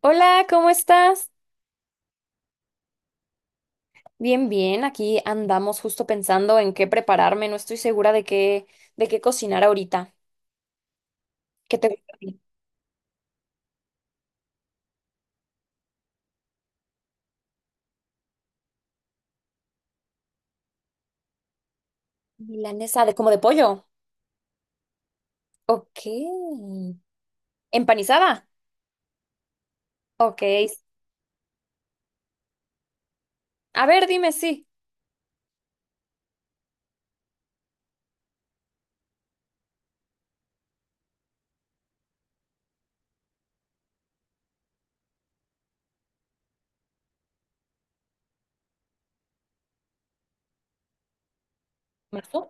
Hola, ¿cómo estás? Bien, bien. Aquí andamos justo pensando en qué prepararme. No estoy segura de qué cocinar ahorita. ¿Qué te gusta? ¿A ti? Milanesa de como de pollo. Ok. ¿Empanizada? Ok. A ver, dime sí. ¿Mazo?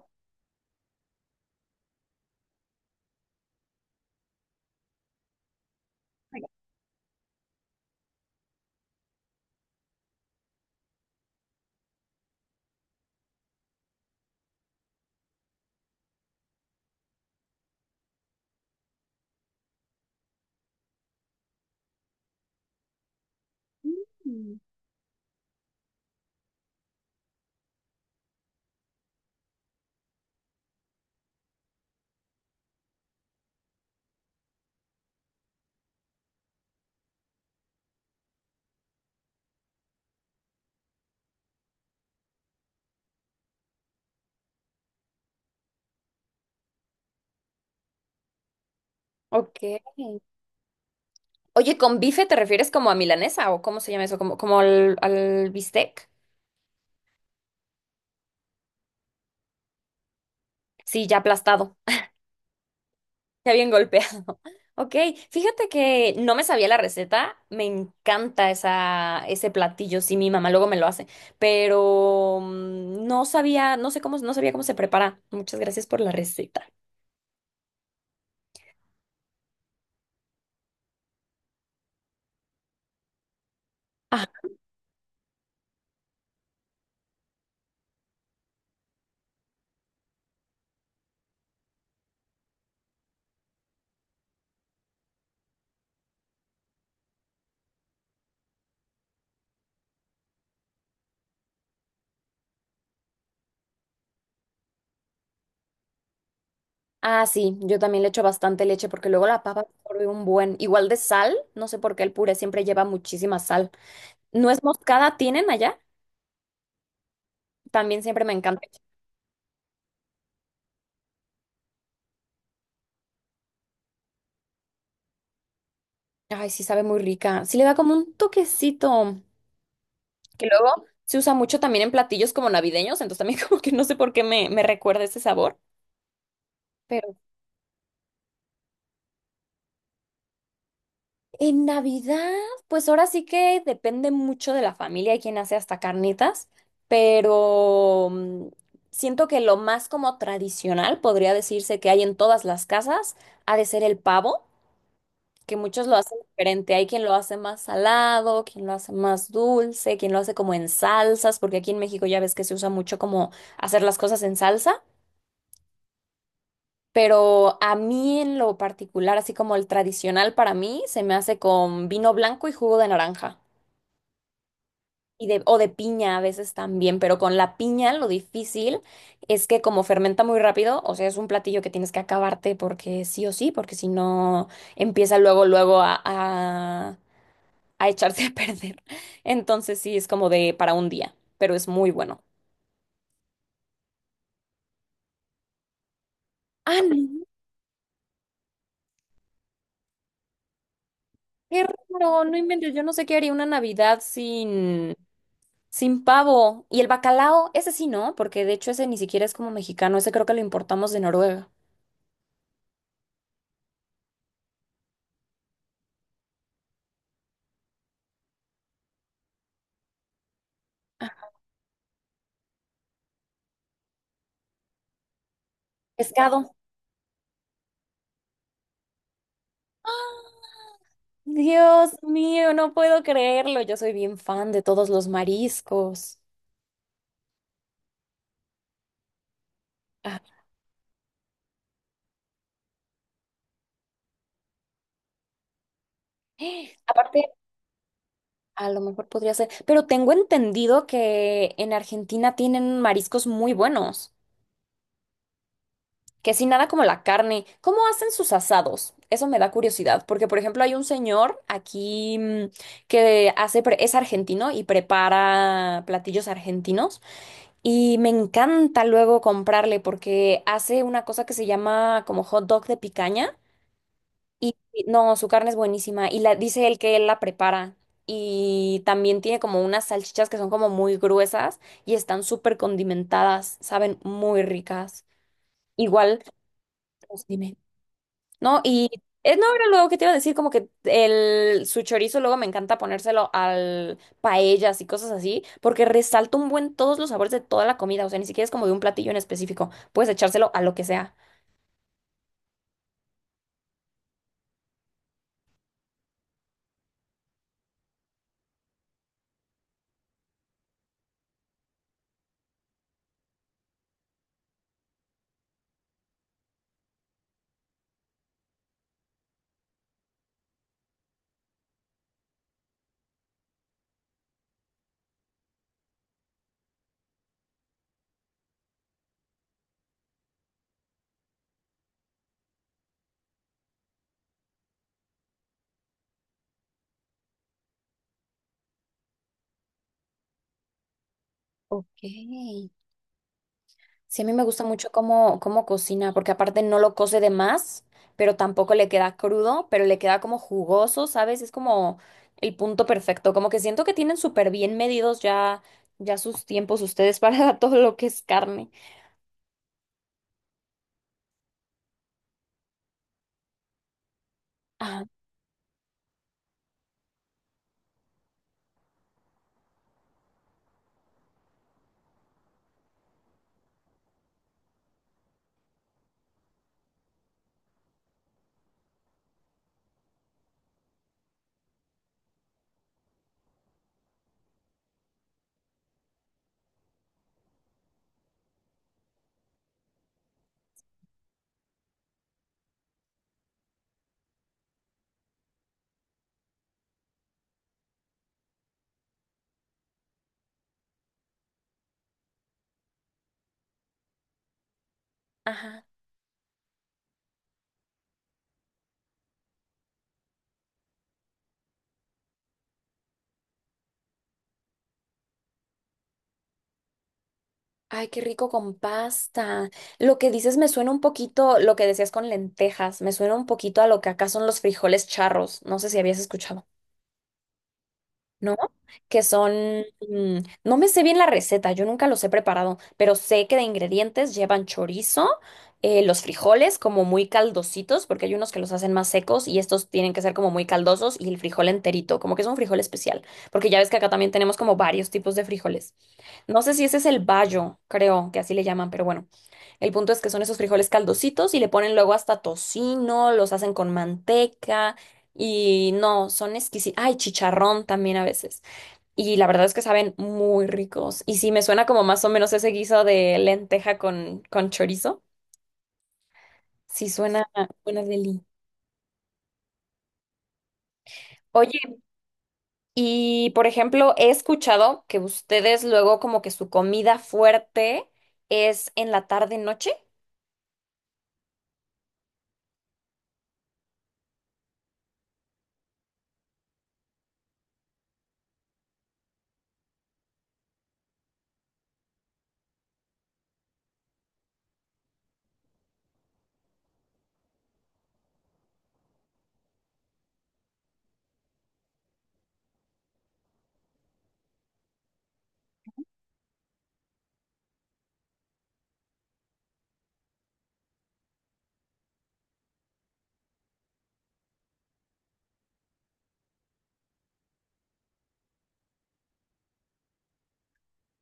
Mm. Ok. Oye, ¿con bife te refieres como a milanesa o cómo se llama eso? ¿Como, como al bistec? Sí, ya aplastado. Está bien golpeado. Ok, fíjate que no me sabía la receta. Me encanta esa, ese platillo. Sí, mi mamá luego me lo hace. Pero no sabía, no sé cómo, no sabía cómo se prepara. Muchas gracias por la receta. Ah, sí, yo también le echo bastante leche porque luego la papa absorbe un buen. Igual de sal, no sé por qué el puré siempre lleva muchísima sal. ¿Nuez moscada tienen allá? También siempre me encanta. Ay, sí, sabe muy rica. Sí, le da como un toquecito. Que luego se usa mucho también en platillos como navideños, entonces también como que no sé por qué me recuerda ese sabor. Pero en Navidad, pues ahora sí que depende mucho de la familia y quién hace hasta carnitas, pero siento que lo más como tradicional podría decirse que hay en todas las casas ha de ser el pavo, que muchos lo hacen diferente. Hay quien lo hace más salado, quien lo hace más dulce, quien lo hace como en salsas, porque aquí en México ya ves que se usa mucho como hacer las cosas en salsa. Pero a mí en lo particular, así como el tradicional para mí, se me hace con vino blanco y jugo de naranja. Y de, o de piña a veces también, pero con la piña lo difícil es que como fermenta muy rápido, o sea, es un platillo que tienes que acabarte porque sí o sí, porque si no empieza luego, luego a echarse a perder. Entonces sí, es como de para un día, pero es muy bueno. Ah, no, qué raro, no inventes, yo no sé qué haría una Navidad sin... Sin pavo. Y el bacalao, ese sí, ¿no? Porque de hecho ese ni siquiera es como mexicano, ese creo que lo importamos de Noruega. Pescado. ¡Ah! Dios mío, no puedo creerlo. Yo soy bien fan de todos los mariscos. Ah. Aparte, a lo mejor podría ser, pero tengo entendido que en Argentina tienen mariscos muy buenos. Que si nada como la carne, ¿cómo hacen sus asados? Eso me da curiosidad, porque por ejemplo hay un señor aquí que hace, pre- es argentino y prepara platillos argentinos y me encanta luego comprarle porque hace una cosa que se llama como hot dog de picaña y no, su carne es buenísima y la dice él que él la prepara y también tiene como unas salchichas que son como muy gruesas y están súper condimentadas, saben muy ricas. Igual, pues, dime. No, y es no era luego que te iba a decir como que el su chorizo luego me encanta ponérselo al paellas y cosas así, porque resalta un buen todos los sabores de toda la comida, o sea, ni siquiera es como de un platillo en específico, puedes echárselo a lo que sea. Ok. Sí, a mí me gusta mucho cómo, cómo cocina, porque aparte no lo cose de más, pero tampoco le queda crudo, pero le queda como jugoso, ¿sabes? Es como el punto perfecto, como que siento que tienen súper bien medidos ya sus tiempos ustedes para todo lo que es carne. Ajá. Ay, qué rico con pasta. Lo que dices me suena un poquito, lo que decías con lentejas, me suena un poquito a lo que acá son los frijoles charros. No sé si habías escuchado. ¿No? Que son, mm, no me sé bien la receta, yo nunca los he preparado, pero sé que de ingredientes llevan chorizo, los frijoles como muy caldositos, porque hay unos que los hacen más secos y estos tienen que ser como muy caldosos y el frijol enterito, como que es un frijol especial, porque ya ves que acá también tenemos como varios tipos de frijoles. No sé si ese es el bayo, creo que así le llaman, pero bueno. El punto es que son esos frijoles caldositos y le ponen luego hasta tocino, los hacen con manteca y no, son exquisitos. Ay, chicharrón también a veces. Y la verdad es que saben muy ricos. Y sí, me suena como más o menos ese guiso de lenteja con chorizo. Sí, suena buena deli. Oye, y por ejemplo, he escuchado que ustedes luego como que su comida fuerte es en la tarde-noche.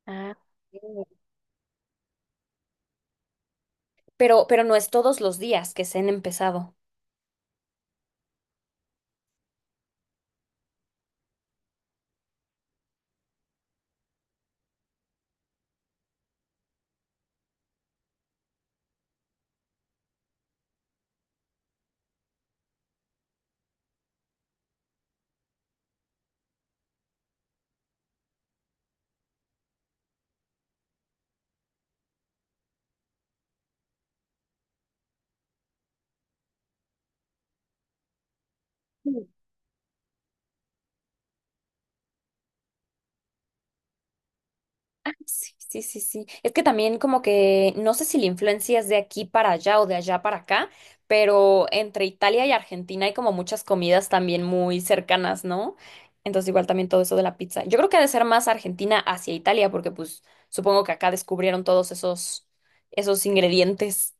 Ah. Pero no es todos los días que se han empezado. Ah, sí, sí, sí, sí. Es que también como que no sé si la influencia es de aquí para allá o de allá para acá, pero entre Italia y Argentina hay como muchas comidas también muy cercanas, ¿no? Entonces igual también todo eso de la pizza. Yo creo que ha de ser más Argentina hacia Italia, porque pues supongo que acá descubrieron todos esos, esos ingredientes.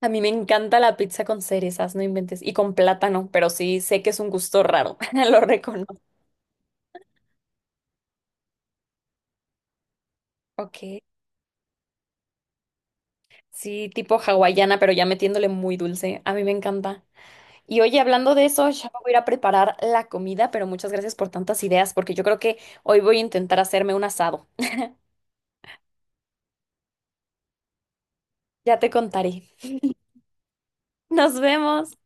A mí me encanta la pizza con cerezas, no inventes, y con plátano, pero sí sé que es un gusto raro, lo reconozco. Ok. Sí, tipo hawaiana, pero ya metiéndole muy dulce. A mí me encanta. Y oye, hablando de eso, ya me voy a ir a preparar la comida, pero muchas gracias por tantas ideas, porque yo creo que hoy voy a intentar hacerme un asado. Ya te contaré. Nos vemos.